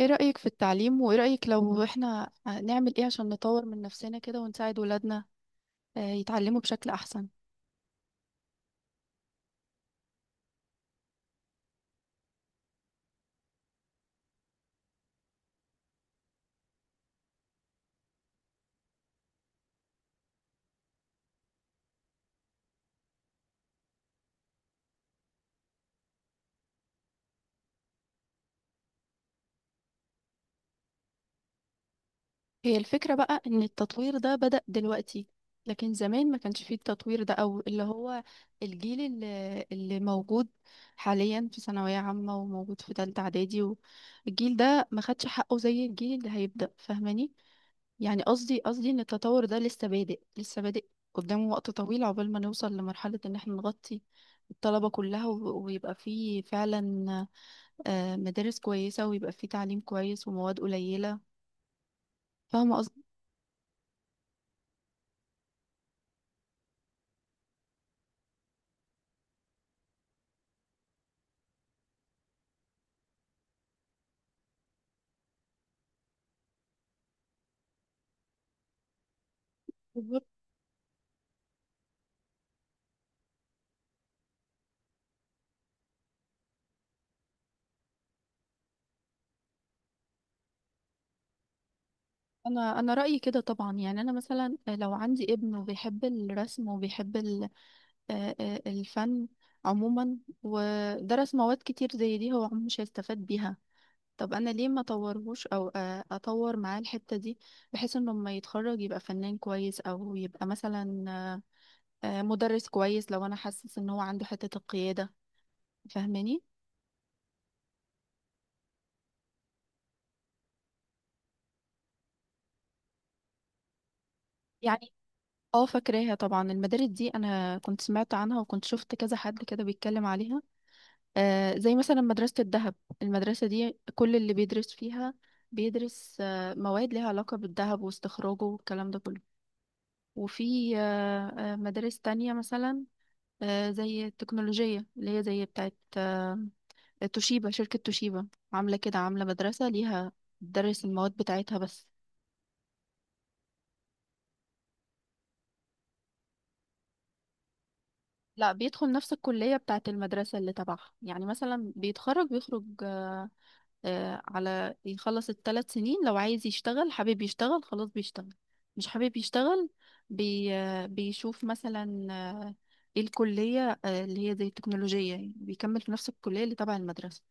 ايه رأيك في التعليم وايه رأيك لو احنا نعمل ايه عشان نطور من نفسنا كده ونساعد ولادنا يتعلموا بشكل احسن. هي الفكرة بقى ان التطوير ده بدأ دلوقتي، لكن زمان ما كانش فيه التطوير ده او اللي هو الجيل اللي موجود حاليا في ثانوية عامة وموجود في تالتة اعدادي. والجيل ده ما خدش حقه زي الجيل اللي هيبدأ، فاهماني؟ يعني قصدي ان التطور ده لسه بادئ، لسه بادئ قدامه وقت طويل عقبال ما نوصل لمرحلة ان احنا نغطي الطلبة كلها، ويبقى فيه فعلا مدارس كويسة، ويبقى فيه تعليم كويس ومواد قليلة. فاهمة قصدي؟ بالظبط. انا رأيي كده طبعا، يعني انا مثلا لو عندي ابن وبيحب الرسم وبيحب الفن عموما، ودرس مواد كتير زي دي، هو عمره مش هيستفاد بيها. طب انا ليه ما اطورهوش او اطور معاه الحتة دي، بحيث انه لما يتخرج يبقى فنان كويس، او يبقى مثلا مدرس كويس لو انا حاسس ان هو عنده حتة القيادة. فاهماني؟ يعني اه، فاكراها طبعا. المدارس دي انا كنت سمعت عنها وكنت شفت كذا حد كده بيتكلم عليها، زي مثلا مدرسة الذهب. المدرسة دي كل اللي بيدرس فيها بيدرس مواد ليها علاقة بالذهب واستخراجه والكلام ده كله. وفي مدارس تانية مثلا زي التكنولوجية، اللي هي زي بتاعت توشيبا. شركة توشيبا عاملة كده، عاملة مدرسة ليها بتدرس المواد بتاعتها بس. لا، بيدخل نفس الكلية بتاعت المدرسة اللي تبعها. يعني مثلا بيتخرج، بيخرج آه، على يخلص الثلاث سنين، لو عايز يشتغل حابب يشتغل، خلاص بيشتغل. مش حابب يشتغل، بي آه، بيشوف مثلا ايه الكلية اللي هي زي التكنولوجية، يعني بيكمل في نفس الكلية اللي تبع المدرسة.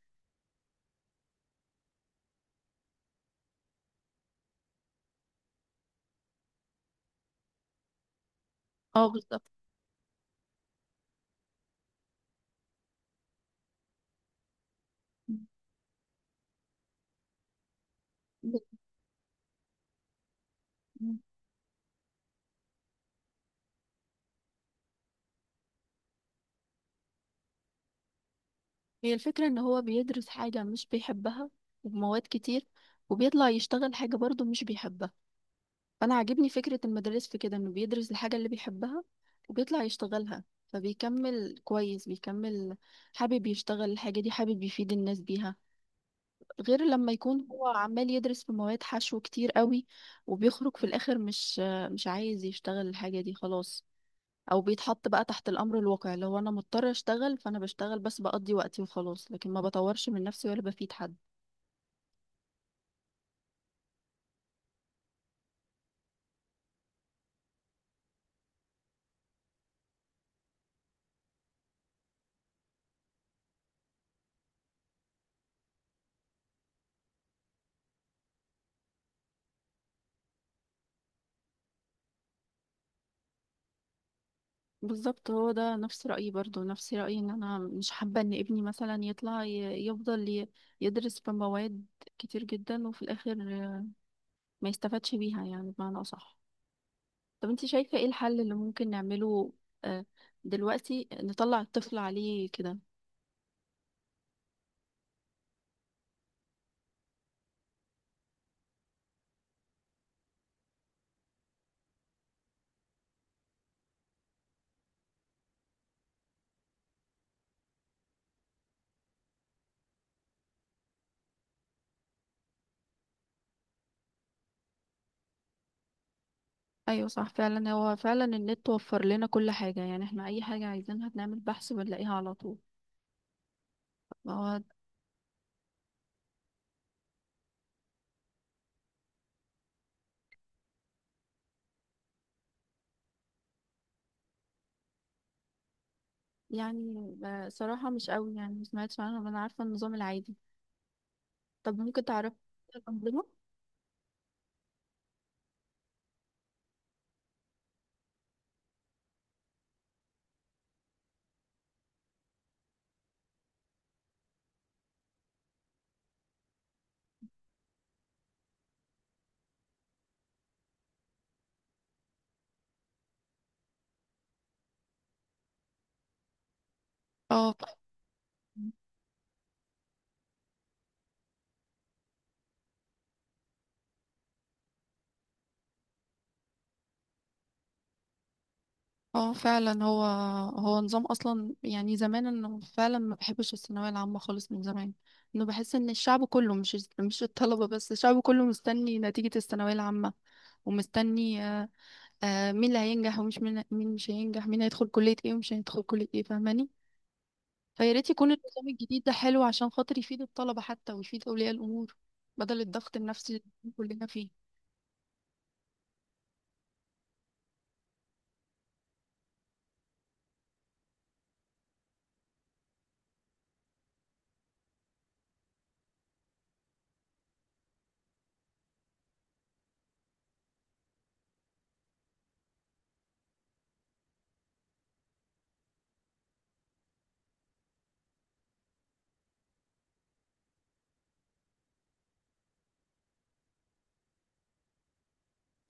اه، بالظبط. هي الفكرة ان هو بيدرس حاجة مش بيحبها وبمواد كتير، وبيطلع يشتغل حاجة برضه مش بيحبها. فانا عاجبني فكرة المدرس في كده انه بيدرس الحاجة اللي بيحبها وبيطلع يشتغلها، فبيكمل كويس. بيكمل حابب يشتغل الحاجة دي، حابب يفيد الناس بيها، غير لما يكون هو عمال يدرس في مواد حشو كتير قوي، وبيخرج في الاخر مش عايز يشتغل الحاجة دي خلاص. او بيتحط بقى تحت الامر الواقع، اللي هو انا مضطر اشتغل فانا بشتغل، بس بقضي وقتي وخلاص، لكن ما بطورش من نفسي ولا بفيد حد. بالظبط، هو ده نفس رأيي، برضو نفس رأيي ان انا مش حابة ان ابني مثلا يطلع يفضل يدرس في مواد كتير جدا، وفي الاخر ما يستفادش بيها، يعني بمعنى اصح. طب انت شايفة ايه الحل اللي ممكن نعمله آه، دلوقتي نطلع الطفل عليه كده؟ ايوه صح، فعلا. هو فعلا النت وفر لنا كل حاجة، يعني احنا اي حاجة عايزينها بنعمل بحث بنلاقيها على طول. ما هو يعني صراحة مش قوي، يعني ما سمعتش عنهم. أنا عارفة النظام العادي. طب ممكن تعرف الأنظمة؟ اه، اه فعلا. هو نظام اصلا يعني زمان انه فعلا ما بحبش الثانويه العامه خالص من زمان. انه بحس ان الشعب كله، مش الطلبه بس، الشعب كله مستني نتيجه الثانويه العامه، ومستني مين اللي هينجح ومش مين مش هينجح، مين هيدخل كليه ايه ومش هيدخل كليه ايه. فاهماني؟ فيا ريت يكون النظام الجديد ده حلو عشان خاطر يفيد الطلبة حتى ويفيد أولياء الأمور، بدل الضغط النفسي اللي كلنا فيه.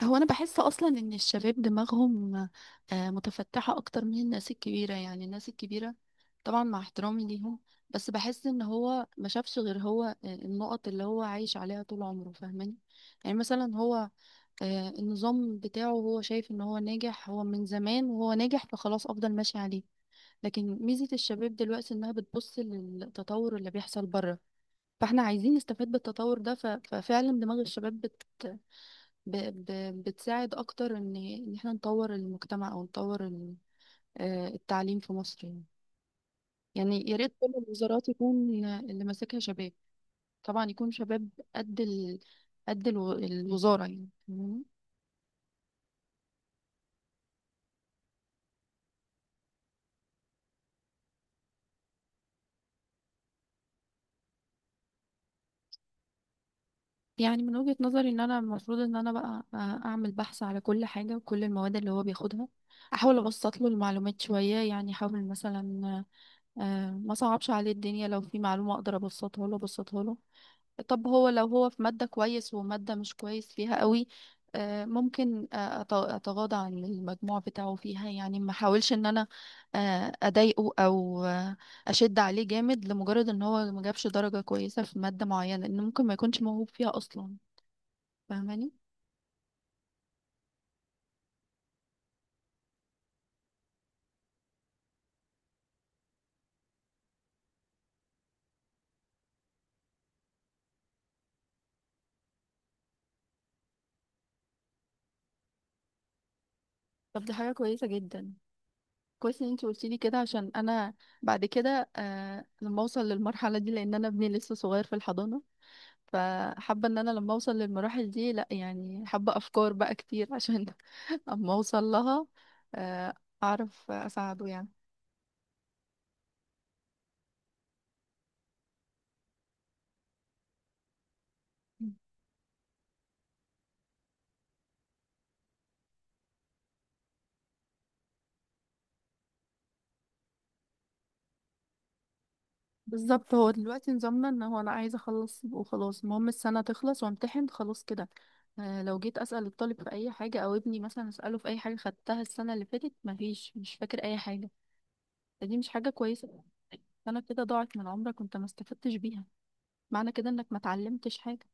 هو أنا بحس أصلا إن الشباب دماغهم متفتحة أكتر من الناس الكبيرة. يعني الناس الكبيرة، طبعا مع احترامي ليهم، بس بحس إن هو ما شافش غير هو النقط اللي هو عايش عليها طول عمره. فاهماني؟ يعني مثلا هو النظام بتاعه، هو شايف إن هو ناجح، هو من زمان وهو ناجح، فخلاص أفضل ماشي عليه. لكن ميزة الشباب دلوقتي انها بتبص للتطور اللي بيحصل بره، فاحنا عايزين نستفاد بالتطور ده. ف- ففعلا دماغ الشباب ب... ب... بتساعد اكتر ان احنا نطور المجتمع، او نطور التعليم في مصر يعني. يعني يا ريت كل الوزارات يكون اللي ماسكها شباب. طبعا يكون شباب قد الوزارة يعني. يعني من وجهة نظري ان انا المفروض ان انا بقى اعمل بحث على كل حاجة وكل المواد اللي هو بياخدها، احاول ابسط له المعلومات شوية. يعني احاول مثلا ما صعبش عليه الدنيا، لو في معلومة اقدر ابسطها له ابسطها له. طب هو لو هو في مادة كويس ومادة مش كويس فيها قوي، ممكن اتغاضى عن المجموع بتاعه فيها. يعني ما احاولش ان انا اضايقه او اشد عليه جامد لمجرد ان هو ما جابش درجة كويسة في مادة معينة، لان ممكن ما يكونش موهوب فيها اصلا. فاهماني؟ طب دي حاجة كويسة جدا. كويس ان انت قلتي لي كده، عشان انا بعد كده، آه، لما اوصل للمرحلة دي، لان انا ابني لسه صغير في الحضانة. فحابة ان انا لما اوصل للمراحل دي، لا يعني حابة افكار بقى كتير عشان اما اوصل لها آه اعرف اساعده يعني. بالظبط. هو دلوقتي نظامنا ان هو انا عايزه اخلص وخلاص، المهم السنه تخلص وامتحن خلاص كده. لو جيت اسال الطالب في اي حاجه، او ابني مثلا اساله في اي حاجه خدتها السنه اللي فاتت، مفيش، مش فاكر اي حاجه. دي مش حاجة كويسة. انا كده ضاعت من عمرك وانت ما استفدتش بيها، معنى كده انك ما اتعلمتش حاجة.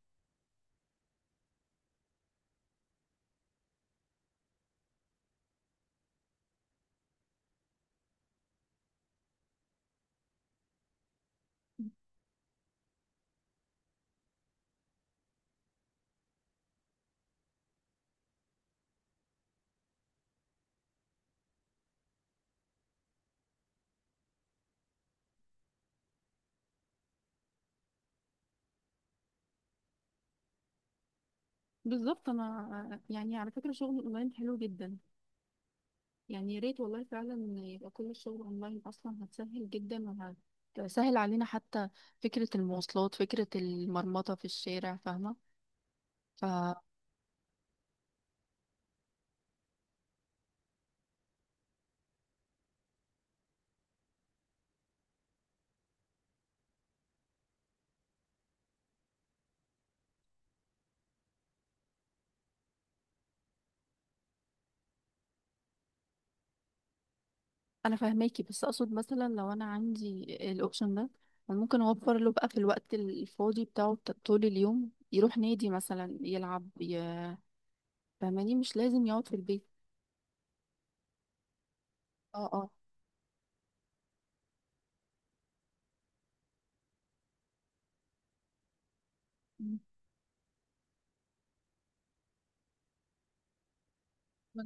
بالظبط. انا يعني على فكرة شغل اونلاين حلو جدا، يعني يا ريت والله فعلا يبقى كل الشغل اونلاين اصلا، هتسهل جدا وهتسهل علينا حتى فكرة المواصلات، فكرة المرمطة في الشارع. فاهمة؟ فانا فاهماكي. بس اقصد مثلا لو انا عندي الاوبشن ده، أنا ممكن اوفر له بقى في الوقت الفاضي بتاعه طول اليوم يروح نادي مثلا يلعب فاهماني؟ مش لازم يقعد في البيت. اه، اه. مم. مم.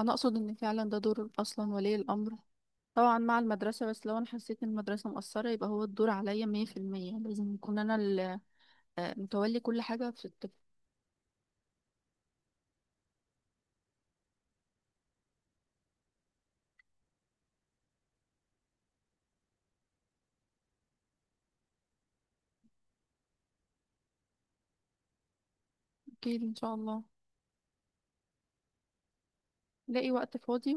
انا اقصد ان فعلا ده دور اصلا ولي الامر، طبعا مع المدرسه. بس لو انا حسيت ان المدرسه مقصره، يبقى هو الدور عليا 100%. لازم يكون انا متولي كل حاجه في الطفل. اكيد ان شاء الله، لاقي وقت فاضي.